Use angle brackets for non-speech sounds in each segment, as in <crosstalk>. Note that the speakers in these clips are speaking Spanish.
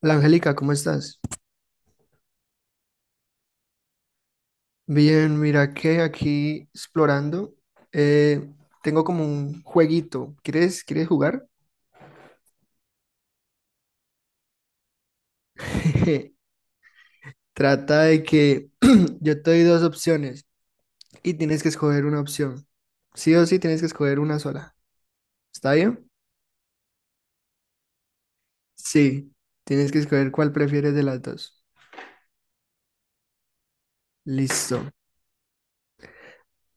Hola Angélica, ¿cómo estás? Bien, mira que aquí explorando, eh, tengo como un jueguito. ¿Quieres jugar? <laughs> Trata de que <clears throat> yo te doy dos opciones y tienes que escoger una opción. Sí o sí tienes que escoger una sola. ¿Está bien? Sí, tienes que escoger cuál prefieres de las dos. Listo.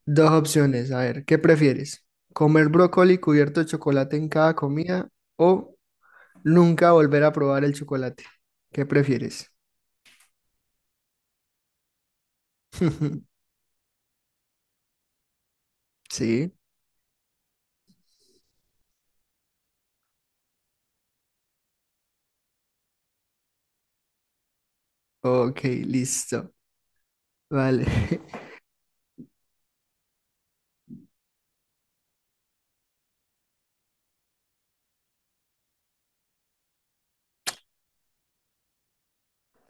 Dos opciones. A ver, ¿qué prefieres? ¿Comer brócoli cubierto de chocolate en cada comida o nunca volver a probar el chocolate? ¿Qué prefieres? <laughs> Sí. Ok, listo. Vale. <laughs>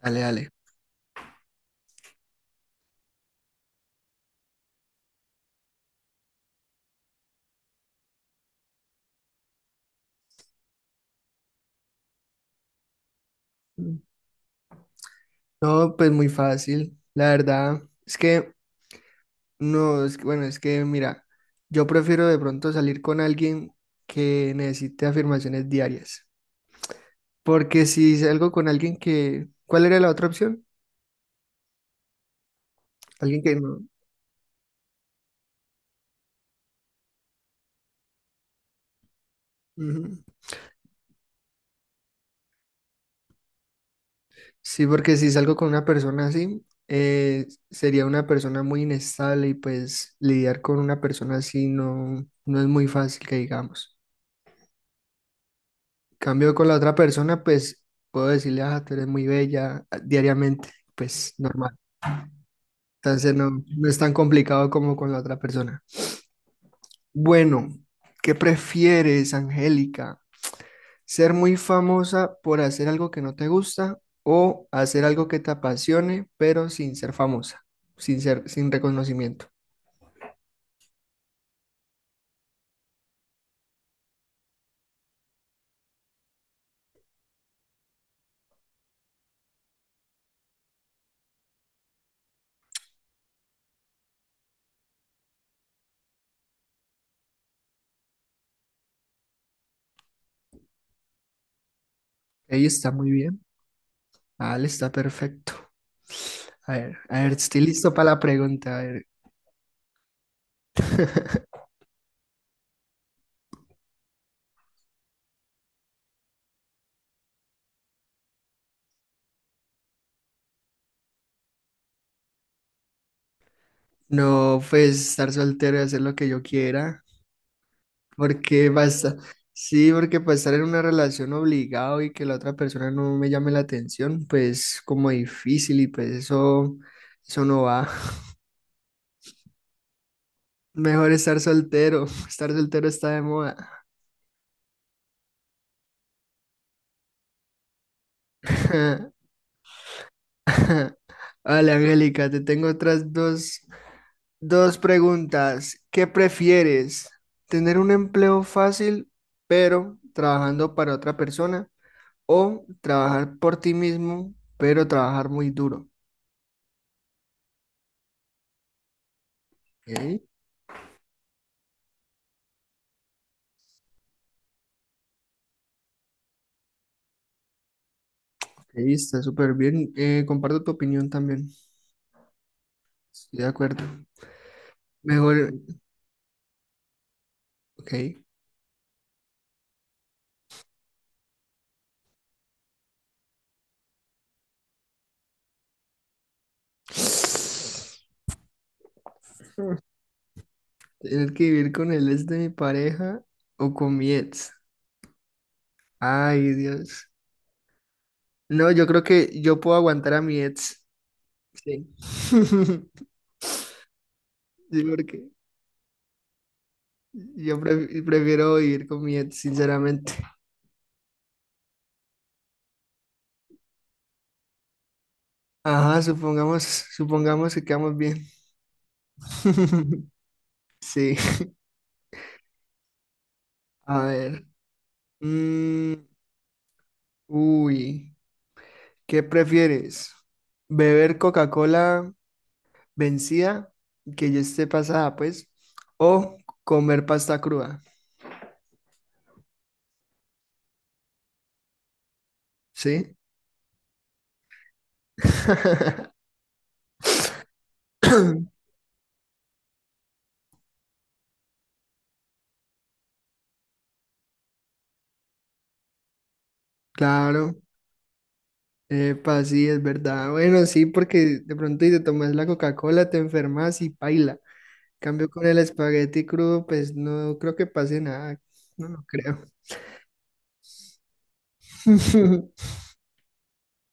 Dale, dale. No, pues muy fácil. La verdad es que no, es que, bueno, es que mira, yo prefiero de pronto salir con alguien que necesite afirmaciones diarias. Porque si salgo con alguien que, ¿cuál era la otra opción? Alguien que no. Ujú. Sí, porque si salgo con una persona así, sería una persona muy inestable y pues lidiar con una persona así no, no es muy fácil que digamos. Cambio con la otra persona, pues puedo decirle, ah, tú eres muy bella, ah, diariamente, pues normal. Entonces no, no es tan complicado como con la otra persona. Bueno, ¿qué prefieres, Angélica? Ser muy famosa por hacer algo que no te gusta o hacer algo que te apasione, pero sin ser famosa, sin reconocimiento. Ahí está muy bien. Ale está perfecto. A ver, estoy listo para la pregunta. A ver. <laughs> No, pues estar soltero y hacer lo que yo quiera, porque basta. Sí, porque para estar en una relación obligado y que la otra persona no me llame la atención, pues como difícil y pues eso no va. Mejor estar soltero. <laughs> Estar soltero está de moda. <laughs> Vale, Angélica, te tengo otras dos preguntas. ¿Qué prefieres? ¿Tener un empleo fácil, pero trabajando para otra persona? ¿O trabajar por ti mismo, pero trabajar muy duro? Ok, ok, está súper bien. Comparto tu opinión también. Estoy de acuerdo. Mejor, ok. Tener que vivir con el ex de mi pareja o con mi ex. Ay, Dios. No, yo creo que yo puedo aguantar a mi ex. Sí. <laughs> Sí, porque yo prefiero vivir con mi ex, sinceramente. Ajá, supongamos, supongamos que quedamos bien. <laughs> Sí. A ver. Mm, uy, ¿qué prefieres? ¿Beber Coca-Cola vencida, que ya esté pasada, pues, o comer pasta cruda? ¿Sí? <coughs> <clears throat> Claro, epa, sí, es verdad. Bueno, sí, porque de pronto y te tomas la Coca-Cola, te enfermas y paila. Cambio con el espagueti crudo, pues no creo que pase nada. No, no creo. <laughs>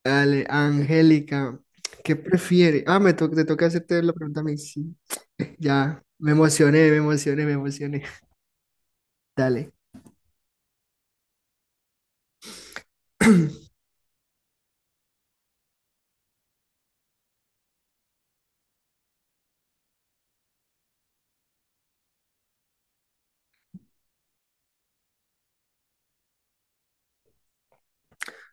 Dale, Angélica, ¿qué prefiere? Ah, te toca hacerte la pregunta a mí. Sí, <laughs> ya, me emocioné, me emocioné, me emocioné. Dale.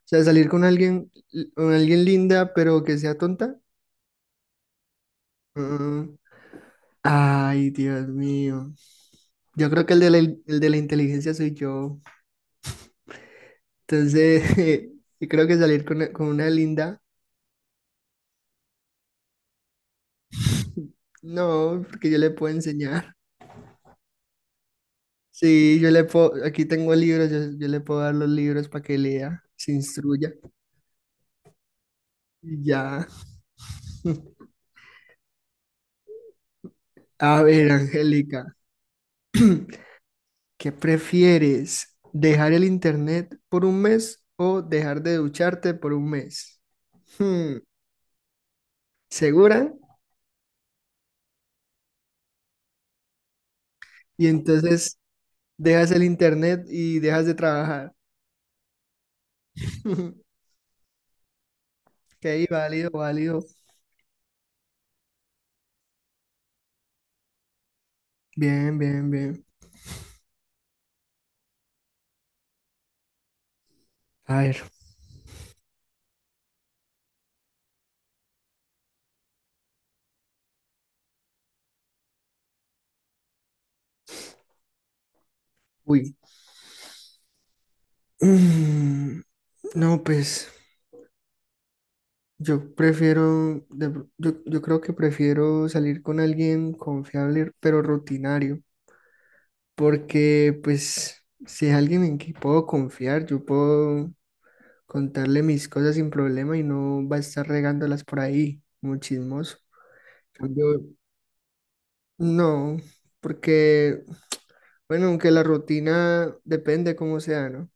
O sea, salir con alguien linda, pero que sea tonta. Mm, Ay, Dios mío. Yo creo que el de la inteligencia soy yo. Entonces, <laughs> yo creo que salir con una linda, no, porque yo le puedo enseñar. Sí, yo le puedo, aquí tengo libros, yo le puedo dar los libros para que lea, se instruya y ya. <laughs> A ver, Angélica, <clears throat> ¿qué prefieres? ¿Dejar el internet por un mes o dejar de ducharte por un mes? Hmm, ¿Segura? Y entonces dejas el internet y dejas de trabajar. <laughs> Que ahí, válido, válido. Bien, bien, bien. A ver, uy. Mm, No, pues yo prefiero, yo creo que prefiero salir con alguien confiable, pero rutinario, porque pues si es alguien en que puedo confiar, yo puedo contarle mis cosas sin problema y no va a estar regándolas por ahí, muy chismoso. Cambio, no, porque, bueno, aunque la rutina depende cómo sea, ¿no?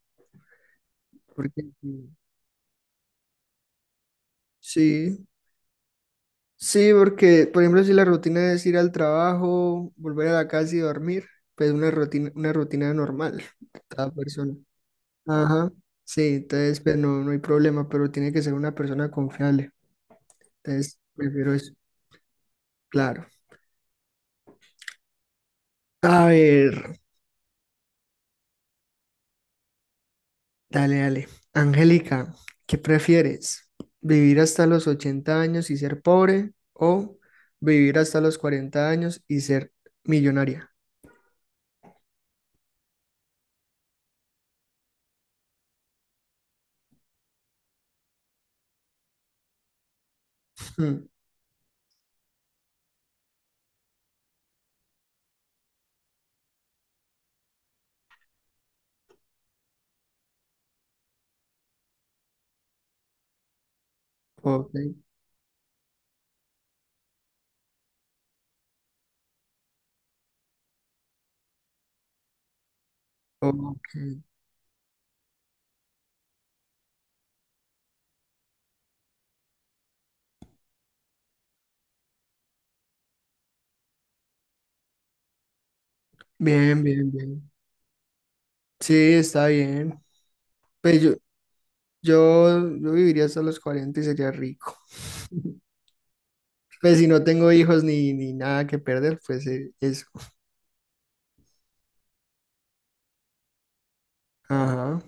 Porque sí, sí, porque, por ejemplo, si la rutina es ir al trabajo, volver a la casa y dormir, pues una rutina normal, cada persona. Ajá, sí, entonces, pues no, no hay problema, pero tiene que ser una persona confiable. Entonces, prefiero eso, claro. A ver. Dale, dale. Angélica, ¿qué prefieres? ¿Vivir hasta los 80 años y ser pobre o vivir hasta los 40 años y ser millonaria? Mm, ok, ok. Bien, bien, bien. Sí, está bien. Pues yo viviría hasta los 40 y sería rico. Pues si no tengo hijos ni nada que perder, pues eso. Ajá.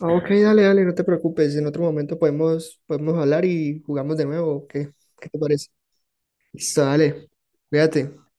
Ok, dale, dale, no te preocupes. En otro momento podemos hablar y jugamos de nuevo. ¿O ¿Qué te parece? Listo, dale. Cuídate.